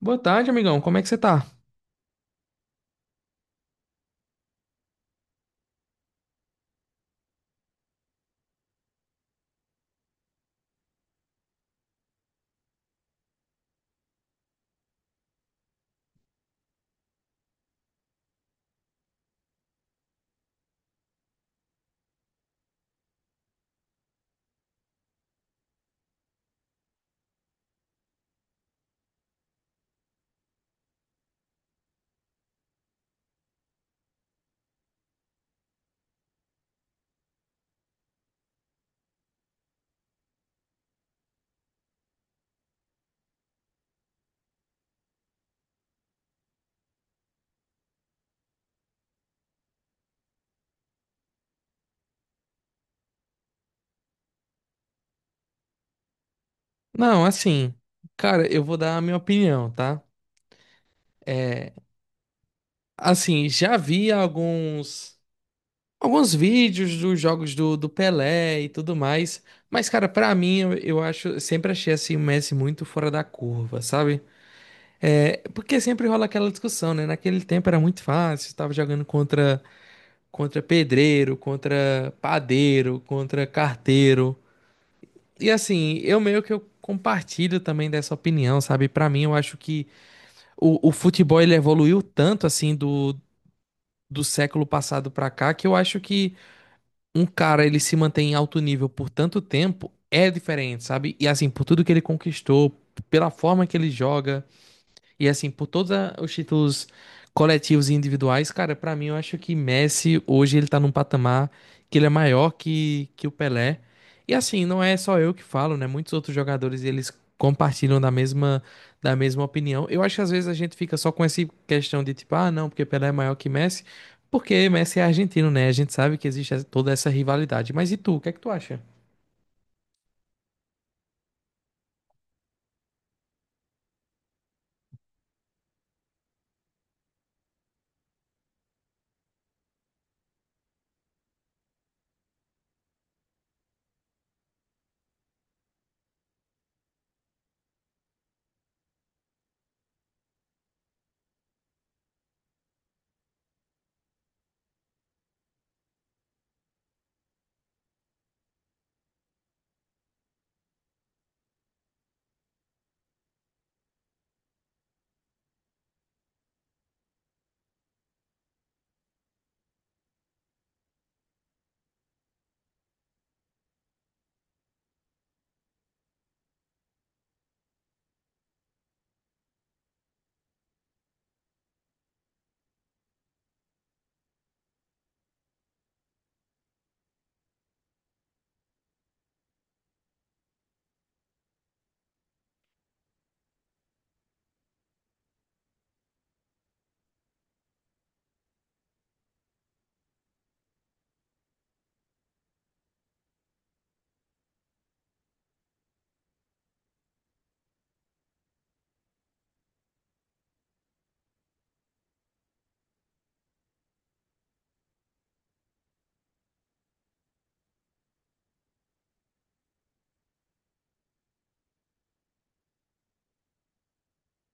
Boa tarde, amigão. Como é que você tá? Não, assim, cara, eu vou dar a minha opinião, tá? É, assim, já vi alguns vídeos dos jogos do Pelé e tudo mais, mas, cara, pra mim, eu acho, eu sempre achei assim o Messi muito fora da curva, sabe? É, porque sempre rola aquela discussão, né? Naquele tempo era muito fácil, tava jogando contra pedreiro, contra padeiro, contra carteiro. E assim, eu meio que eu compartilho também dessa opinião, sabe? Pra mim, eu acho que o futebol ele evoluiu tanto assim do século passado pra cá, que eu acho que um cara ele se mantém em alto nível por tanto tempo é diferente, sabe? E assim, por tudo que ele conquistou, pela forma que ele joga. E assim, por todos os títulos coletivos e individuais, cara, pra mim eu acho que Messi hoje ele tá num patamar que ele é maior que o Pelé. E assim, não é só eu que falo, né? Muitos outros jogadores eles compartilham da mesma opinião. Eu acho que às vezes a gente fica só com essa questão de tipo, ah, não, porque Pelé é maior que Messi, porque Messi é argentino, né? A gente sabe que existe toda essa rivalidade. Mas e tu, o que é que tu acha?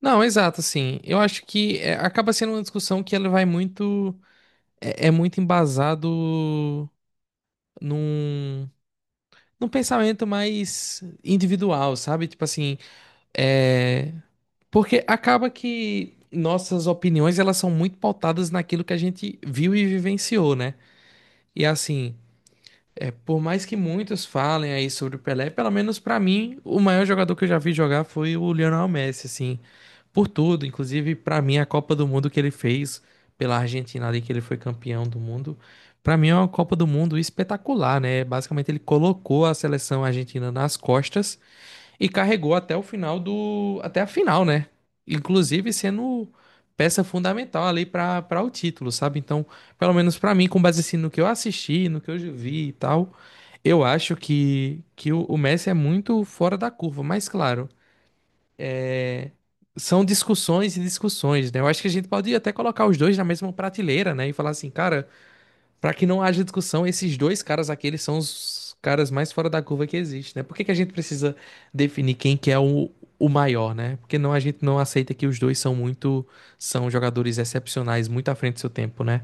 Não, exato, assim. Eu acho que é, acaba sendo uma discussão que ela vai muito é, é muito embasado num, num pensamento mais individual, sabe? Tipo assim, é, porque acaba que nossas opiniões elas são muito pautadas naquilo que a gente viu e vivenciou, né? E assim, é, por mais que muitos falem aí sobre o Pelé, pelo menos pra mim, o maior jogador que eu já vi jogar foi o Lionel Messi, assim. Por tudo, inclusive pra mim a Copa do Mundo que ele fez pela Argentina ali, que ele foi campeão do mundo, pra mim é uma Copa do Mundo espetacular, né? Basicamente ele colocou a seleção argentina nas costas e carregou até o final do até a final, né? Inclusive sendo peça fundamental ali pra para o título, sabe? Então, pelo menos pra mim, com base assim, no que eu assisti, no que eu vi e tal, eu acho que que o Messi é muito fora da curva, mas claro, são discussões e discussões, né? Eu acho que a gente pode até colocar os dois na mesma prateleira, né? E falar assim, cara, pra que não haja discussão, esses dois caras aqui, eles são os caras mais fora da curva que existe, né? Por que que a gente precisa definir quem que é o maior, né? Porque não, a gente não aceita que os dois são muito, são jogadores excepcionais, muito à frente do seu tempo, né?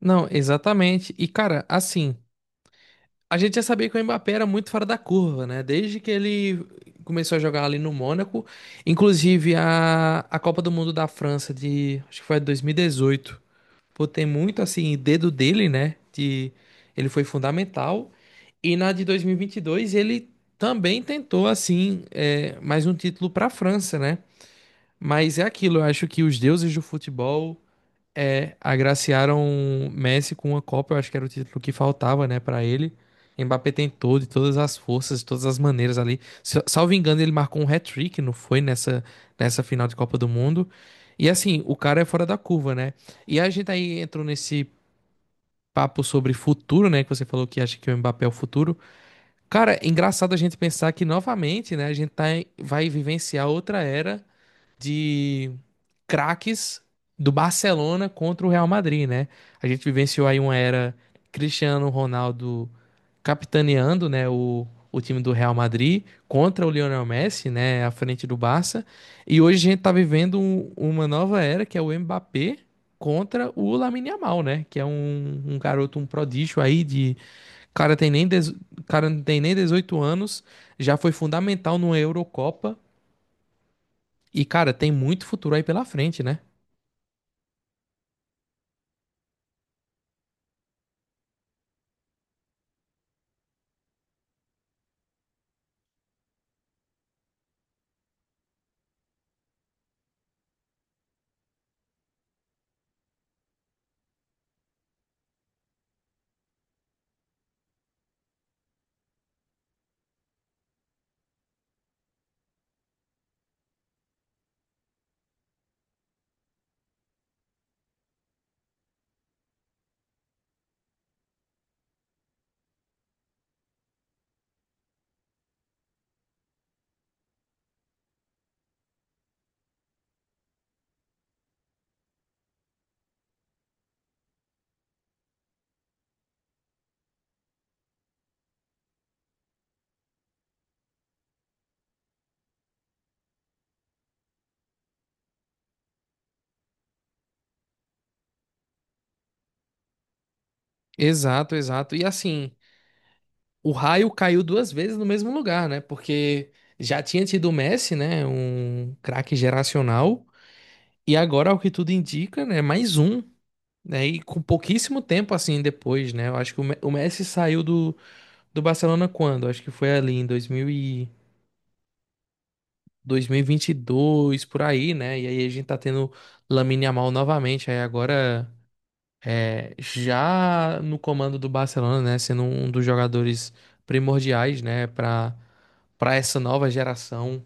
Não, exatamente. E, cara, assim. A gente já sabia que o Mbappé era muito fora da curva, né? Desde que ele começou a jogar ali no Mônaco, inclusive a Copa do Mundo da França de, acho que foi 2018. Pô, tem muito assim dedo dele, né? De ele foi fundamental. E na de 2022 ele também tentou assim é, mais um título para a França, né? Mas é aquilo, eu acho que os deuses do futebol é, agraciaram Messi com uma Copa, eu acho que era o título que faltava, né, pra ele. Mbappé tentou de todas as forças, de todas as maneiras ali. Salvo engano, ele marcou um hat-trick, não foi nessa, nessa final de Copa do Mundo. E assim, o cara é fora da curva, né? E a gente aí entrou nesse papo sobre futuro, né, que você falou que acha que o Mbappé é o futuro. Cara, é engraçado a gente pensar que novamente, né, a gente tá, vai vivenciar outra era de craques do Barcelona contra o Real Madrid, né? A gente vivenciou aí uma era Cristiano Ronaldo capitaneando, né, o time do Real Madrid contra o Lionel Messi, né, à frente do Barça. E hoje a gente tá vivendo uma nova era que é o Mbappé contra o Lamine Yamal, né, que é um garoto, um prodígio aí de cara tem nem dez- cara não tem nem 18 anos, já foi fundamental numa Eurocopa e, cara, tem muito futuro aí pela frente, né? Exato, exato. E assim, o raio caiu duas vezes no mesmo lugar, né? Porque já tinha tido o Messi, né? Um craque geracional. E agora, ao que tudo indica, né? Mais um. Né? E com pouquíssimo tempo assim depois, né? Eu acho que o o Messi saiu do, do Barcelona quando? Acho que foi ali em 2000 e 2022, por aí, né? E aí a gente tá tendo Lamine Yamal novamente. Aí agora, é, já no comando do Barcelona, né, sendo um dos jogadores primordiais, né, para essa nova geração.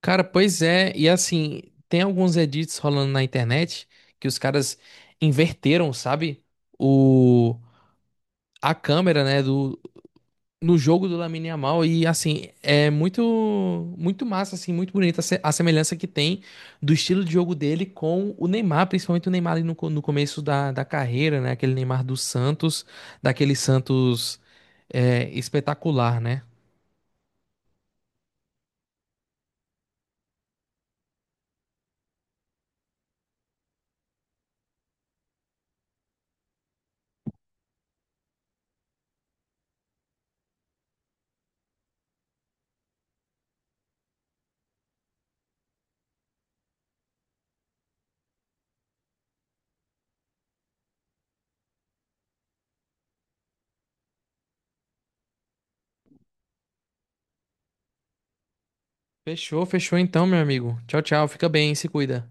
Cara, pois é, e assim, tem alguns edits rolando na internet que os caras inverteram, sabe? O A câmera, né, do no jogo do Lamine Yamal, e assim, é muito massa assim, muito bonita a a semelhança que tem do estilo de jogo dele com o Neymar, principalmente o Neymar ali no, no começo da carreira, né? Aquele Neymar do Santos, daquele Santos é, espetacular, né? Fechou, fechou então, meu amigo. Tchau, tchau. Fica bem, se cuida.